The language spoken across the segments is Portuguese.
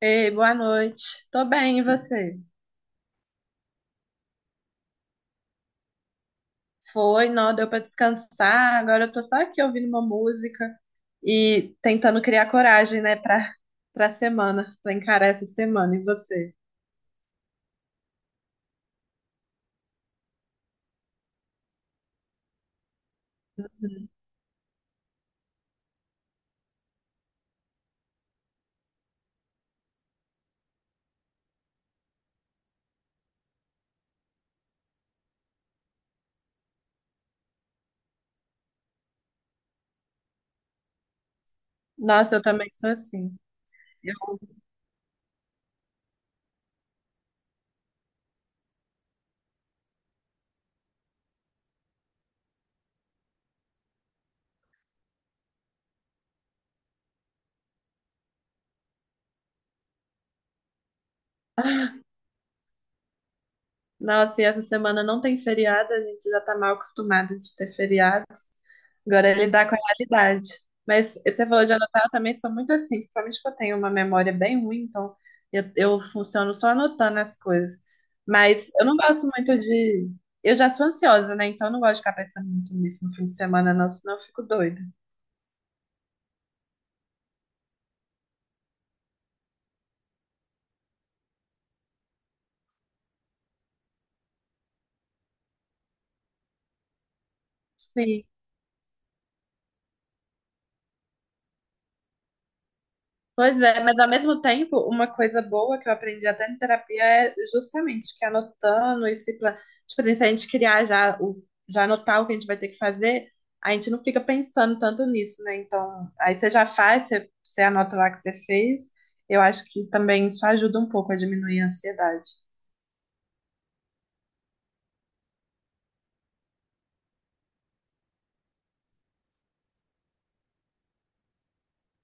Ei, boa noite. Tô bem, e você? Foi, não, deu pra descansar. Agora eu tô só aqui ouvindo uma música e tentando criar coragem, né, pra semana, pra encarar essa semana. E você? Nossa, eu também sou assim. Eu, Nossa, e essa semana não tem feriado, a gente já tá mal acostumada de ter feriados. Agora é lidar com a realidade. Mas você falou de anotar, eu também sou muito assim, principalmente que eu tenho uma memória bem ruim, então eu funciono só anotando as coisas. Mas eu não gosto muito de. Eu já sou ansiosa, né? Então eu não gosto de ficar pensando muito nisso no fim de semana, não, senão eu fico doida. Sim. Pois é, mas ao mesmo tempo, uma coisa boa que eu aprendi até em terapia é justamente que anotando e se plan... tipo, assim, se a gente criar já o já anotar o que a gente vai ter que fazer, a gente não fica pensando tanto nisso, né? Então, aí você já faz, você anota lá o que você fez. Eu acho que também isso ajuda um pouco a diminuir a ansiedade.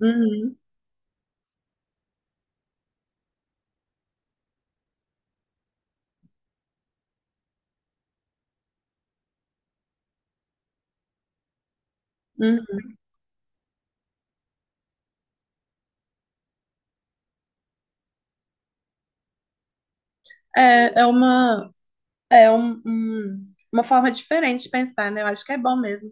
Uhum, uhum. É, é uma uma forma diferente de pensar, né? Eu acho que é bom mesmo.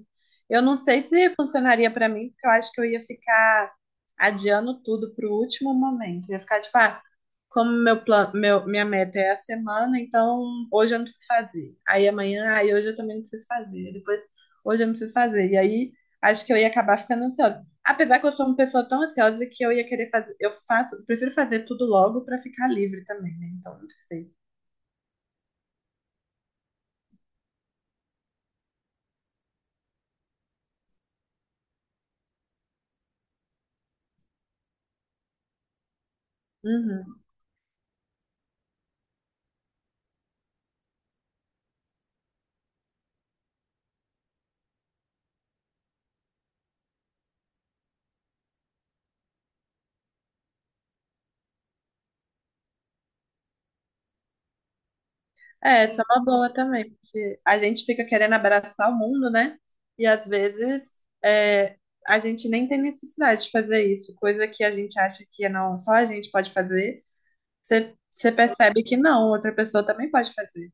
Eu não sei se funcionaria pra mim, porque eu acho que eu ia ficar adiando tudo para o último momento. Ia ficar tipo, ah, como meu plano, minha meta é a semana, então hoje eu não preciso fazer. Aí amanhã, aí hoje eu também não preciso fazer. Depois, hoje eu não preciso fazer. E aí acho que eu ia acabar ficando ansiosa. Apesar que eu sou uma pessoa tão ansiosa que eu ia querer fazer, eu faço, prefiro fazer tudo logo para ficar livre também, né? Então, não sei. Uhum. É, isso é uma boa também, porque a gente fica querendo abraçar o mundo, né? E às vezes é, a gente nem tem necessidade de fazer isso, coisa que a gente acha que não, só a gente pode fazer, você percebe que não, outra pessoa também pode fazer.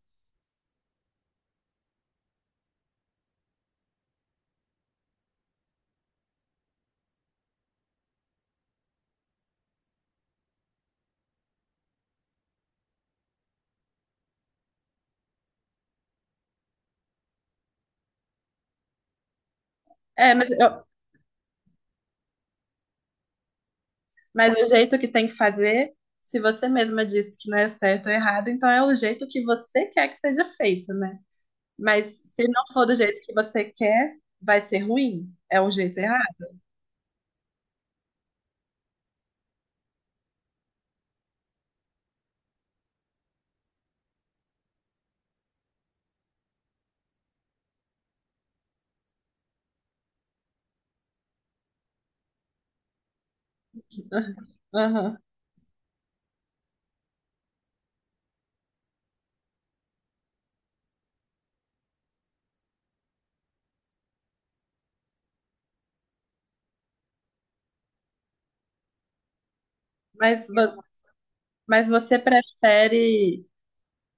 É, mas, eu, mas o jeito que tem que fazer, se você mesma disse que não é certo ou errado, então é o jeito que você quer que seja feito, né? Mas se não for do jeito que você quer, vai ser ruim, é o jeito errado. Aham. Mas vo- Mas você prefere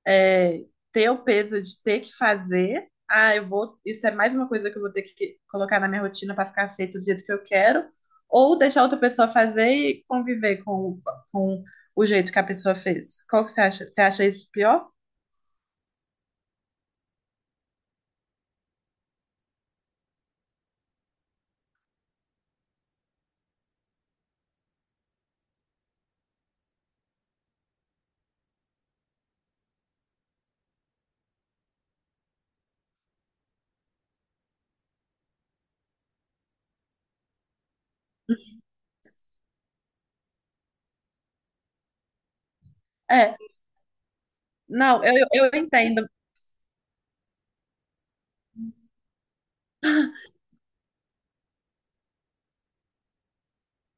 é, ter o peso de ter que fazer? Ah, eu vou. Isso é mais uma coisa que eu vou ter que colocar na minha rotina para ficar feito do jeito que eu quero, ou deixar outra pessoa fazer e conviver com o jeito que a pessoa fez? Qual que você acha? Você acha isso pior? É, Não, eu entendo.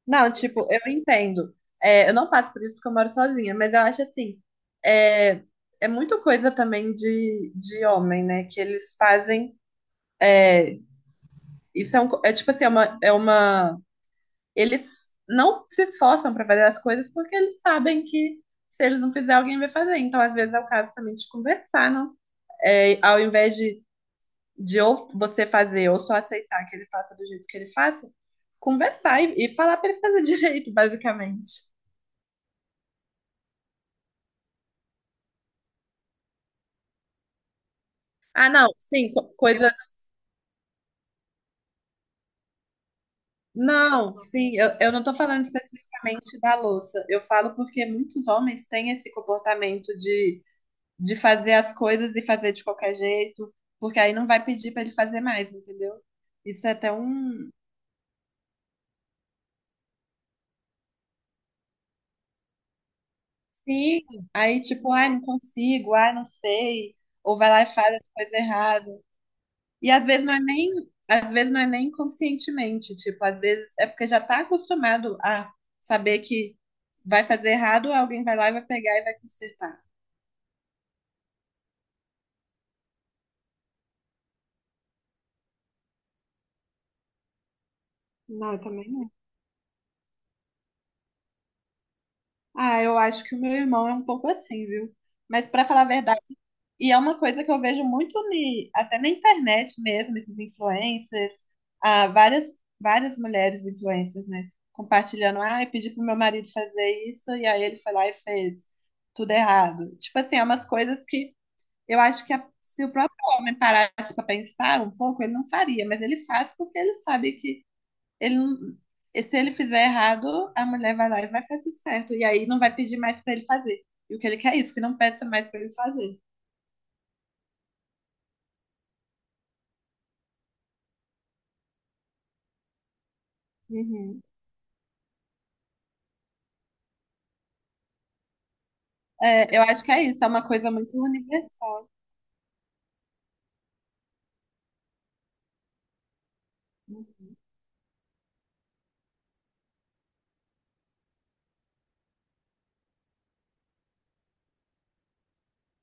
Não, tipo, eu entendo. É, eu não passo por isso porque eu moro sozinha, mas eu acho assim, é, é muito coisa também de homem, né? Que eles fazem. Isso é, um, é tipo assim, é uma. Eles não se esforçam pra fazer as coisas porque eles sabem que se eles não fizer, alguém vai fazer. Então, às vezes, é o caso também de conversar, não? É, ao invés de ou você fazer ou só aceitar que ele faça do jeito que ele faça, conversar e falar pra ele fazer direito, basicamente. Ah, não, sim, coisas. Não, sim, eu não tô falando especificamente da louça. Eu falo porque muitos homens têm esse comportamento de fazer as coisas e fazer de qualquer jeito, porque aí não vai pedir pra ele fazer mais, entendeu? Isso é até um. Sim, aí tipo, ai, não consigo, ai, não sei, ou vai lá e faz as coisas erradas. E às vezes não é nem, às vezes não é nem conscientemente, tipo, às vezes é porque já tá acostumado a saber que vai fazer errado, alguém vai lá e vai pegar e vai consertar. Não, eu também não. Ah, eu acho que o meu irmão é um pouco assim, viu? Mas pra falar a verdade, e é uma coisa que eu vejo muito até na internet mesmo, esses influencers, ah, várias mulheres influencers, né, compartilhando, ah, eu pedi pro meu marido fazer isso e aí ele foi lá e fez tudo errado. Tipo assim, é umas coisas que eu acho que se o próprio homem parasse para pensar um pouco, ele não faria, mas ele faz porque ele sabe que ele não- e se ele fizer errado, a mulher vai lá e vai fazer certo. E aí não vai pedir mais para ele fazer. E o que ele quer é isso, que não peça mais para ele fazer. Uhum. É, eu acho que é isso, é uma coisa muito universal.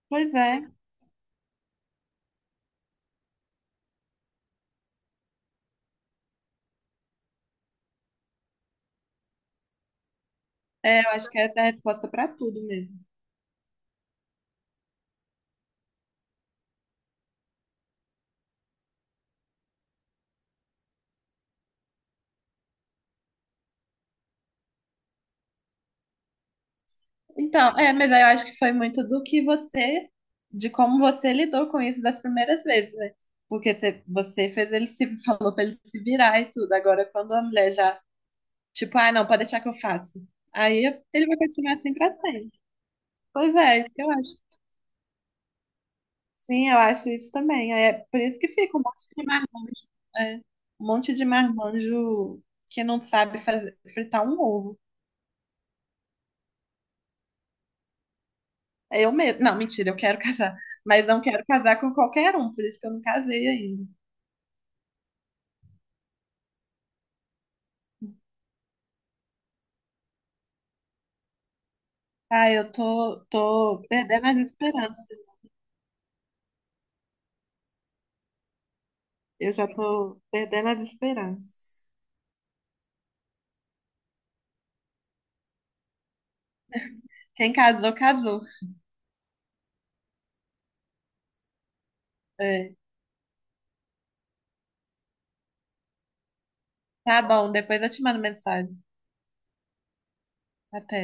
Pois é, é, eu acho que essa é a resposta para tudo mesmo. Então, é, mas eu acho que foi muito do que você, de como você lidou com isso das primeiras vezes, né? Porque você fez ele se, falou pra ele se virar e tudo. Agora, quando a mulher já, tipo, ah, não, pode deixar que eu faço. Aí ele vai continuar assim pra sempre. Pois é, isso que eu acho. Sim, eu acho isso também. É por isso que fica um monte de marmanjo, é, um monte de marmanjo que não sabe fazer, fritar um ovo. É eu mesmo. Não, mentira, eu quero casar. Mas não quero casar com qualquer um, por isso que eu não casei ainda. Ah, tô perdendo as esperanças. Eu já tô perdendo as esperanças. Quem casou, casou. É. Tá bom, depois eu te mando mensagem. Até.